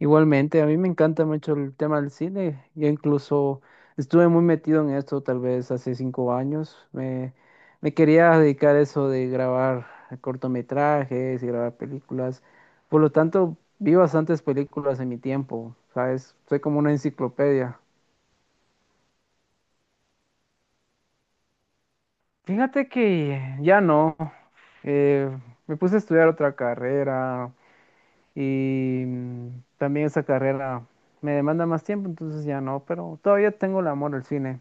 Igualmente, a mí me encanta mucho el tema del cine. Yo incluso estuve muy metido en esto tal vez hace 5 años. Me quería dedicar a eso de grabar cortometrajes y grabar películas. Por lo tanto, vi bastantes películas en mi tiempo, ¿sabes? Soy como una enciclopedia. Fíjate que ya no. Eh, Me puse a estudiar otra carrera y también esa carrera me demanda más tiempo, entonces ya no, pero todavía tengo el amor al cine.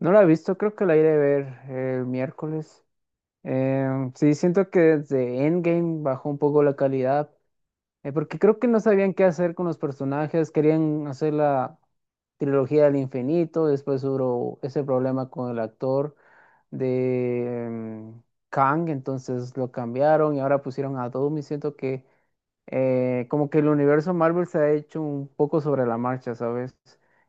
No la he visto, creo que la iré a ver el miércoles. Sí, siento que desde Endgame bajó un poco la calidad, porque creo que no sabían qué hacer con los personajes, querían hacer la trilogía del infinito, después hubo ese problema con el actor de Kang, entonces lo cambiaron y ahora pusieron a Doom y siento que como que el universo Marvel se ha hecho un poco sobre la marcha, ¿sabes?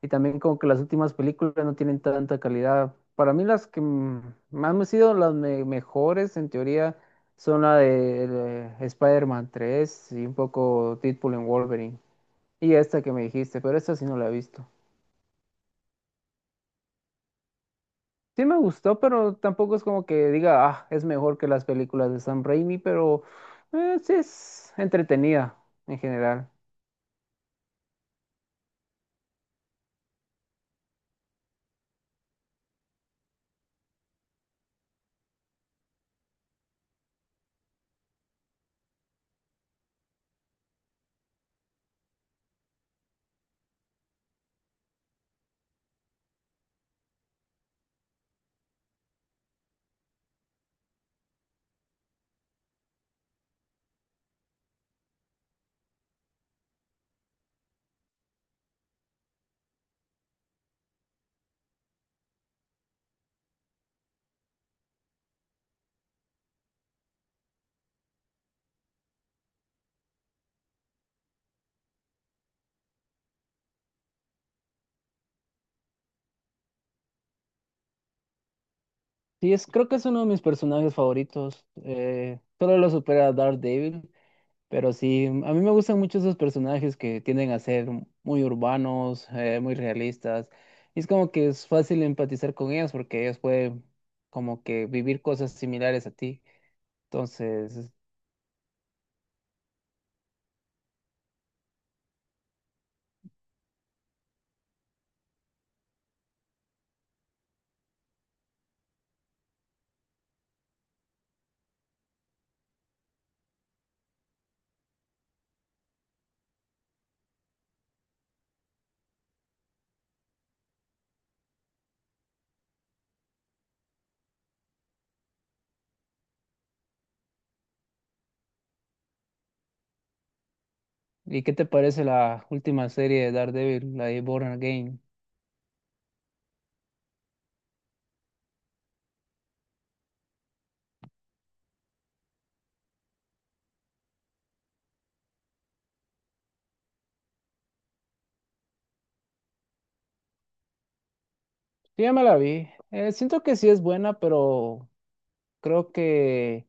Y también como que las últimas películas no tienen tanta calidad. Para mí las que más me han sido las mejores en teoría son la de Spider-Man 3 y un poco Deadpool en Wolverine. Y esta que me dijiste, pero esta sí no la he visto. Sí me gustó, pero tampoco es como que diga, ah, es mejor que las películas de Sam Raimi, pero sí es entretenida en general. Sí, es, creo que es uno de mis personajes favoritos. Solo lo supera Daredevil, pero sí, a mí me gustan mucho esos personajes que tienden a ser muy urbanos, muy realistas. Y es como que es fácil empatizar con ellos porque ellos pueden como que vivir cosas similares a ti. Entonces, ¿y qué te parece la última serie de Daredevil, la de Born Again? Sí, ya me la vi. Siento que sí es buena, pero creo que...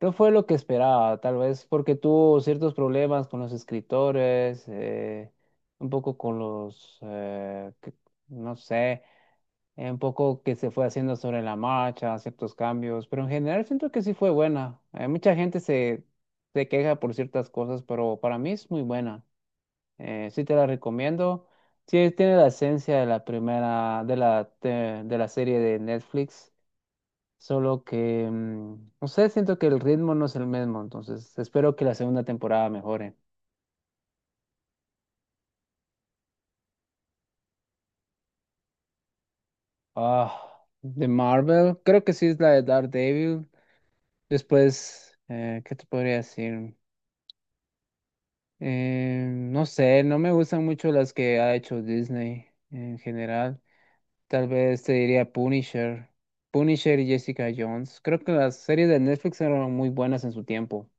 No fue lo que esperaba, tal vez porque tuvo ciertos problemas con los escritores, un poco con los, no sé, un poco que se fue haciendo sobre la marcha, ciertos cambios, pero en general siento que sí fue buena. Mucha gente se queja por ciertas cosas, pero para mí es muy buena. Sí te la recomiendo. Sí, tiene la esencia de la primera, de la serie de Netflix. Solo que, no sé, siento que el ritmo no es el mismo, entonces espero que la segunda temporada mejore. Ah, de Marvel, creo que sí es la de Daredevil. Después, ¿qué te podría decir? No sé, no me gustan mucho las que ha hecho Disney en general. Tal vez te diría Punisher, Punisher y Jessica Jones. Creo que las series de Netflix eran muy buenas en su tiempo.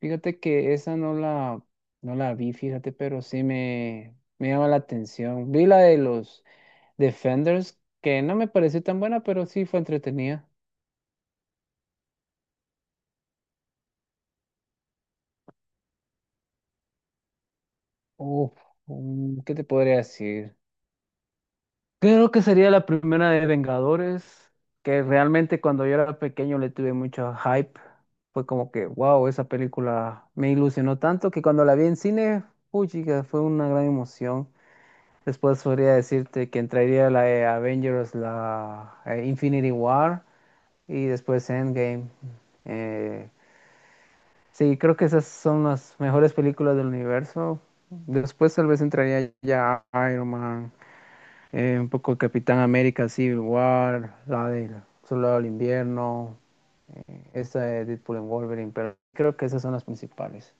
Fíjate que esa no la, no la vi, fíjate, pero sí me llama la atención. Vi la de los Defenders, que no me pareció tan buena, pero sí fue entretenida. Uf, ¿qué te podría decir? Creo que sería la primera de Vengadores, que realmente cuando yo era pequeño le tuve mucho hype. Fue como que, wow, esa película me ilusionó tanto que cuando la vi en cine, uy, chica, fue una gran emoción. Después podría decirte que entraría la de Avengers, la Infinity War y después Endgame. Eh, sí, creo que esas son las mejores películas del universo. Después tal vez entraría ya Iron Man, un poco Capitán América, Civil War, la del Soldado del Invierno, esta de Deadpool and Wolverine, pero creo que esas son las principales.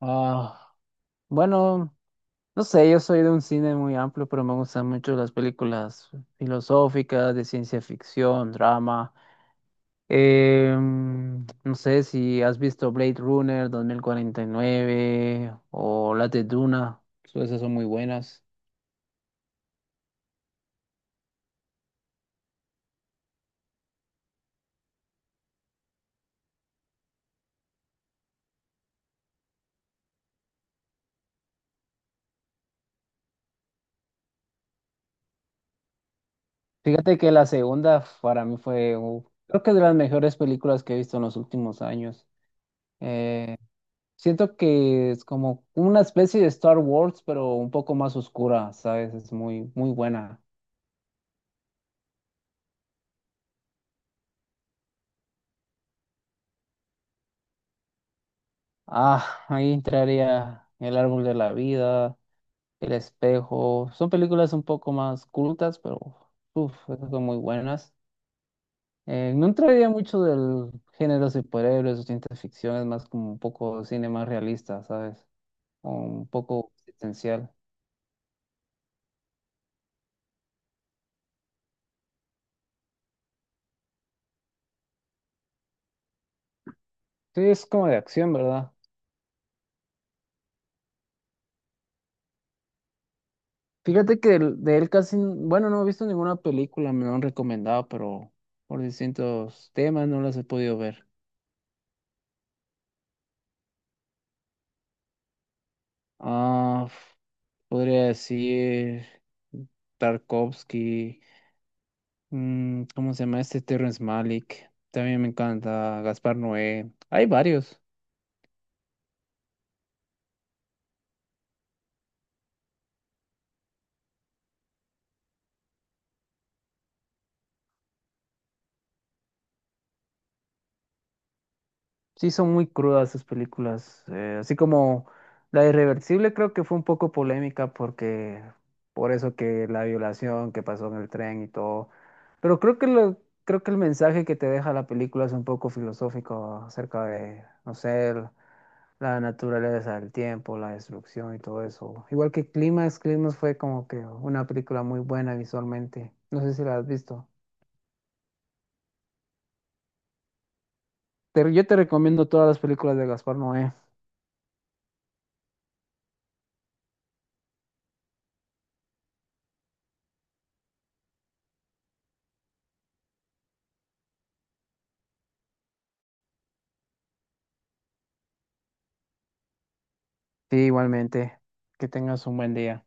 Ah, bueno, no sé, yo soy de un cine muy amplio, pero me gustan mucho las películas filosóficas, de ciencia ficción, drama. No sé si has visto Blade Runner 2049 o las de Duna, esas son muy buenas. Fíjate que la segunda para mí fue, creo que es de las mejores películas que he visto en los últimos años. Eh, Siento que es como una especie de Star Wars, pero un poco más oscura, ¿sabes? Es muy, muy buena. Ah, ahí entraría El Árbol de la Vida, El Espejo. Son películas un poco más cultas, pero uf, esas son muy buenas. No entraría mucho del género de superhéroes o ciencia ficción, es más como un poco cine más realista, ¿sabes? O un poco existencial. Sí, es como de acción, ¿verdad? Fíjate que de él casi, bueno, no he visto ninguna película, me lo han recomendado, pero por distintos temas no las he podido ver. Ah. Podría decir Tarkovsky, ¿cómo se llama este? Terrence Malick. También me encanta Gaspar Noé. Hay varios. Sí, son muy crudas sus películas. Así como La Irreversible creo que fue un poco polémica porque por eso que la violación que pasó en el tren y todo. Pero creo que el mensaje que te deja la película es un poco filosófico acerca de, no sé, la naturaleza del tiempo, la destrucción y todo eso. Igual que Climax, Climax fue como que una película muy buena visualmente. No sé si la has visto. Pero yo te recomiendo todas las películas de Gaspar Noé. Sí, igualmente. Que tengas un buen día.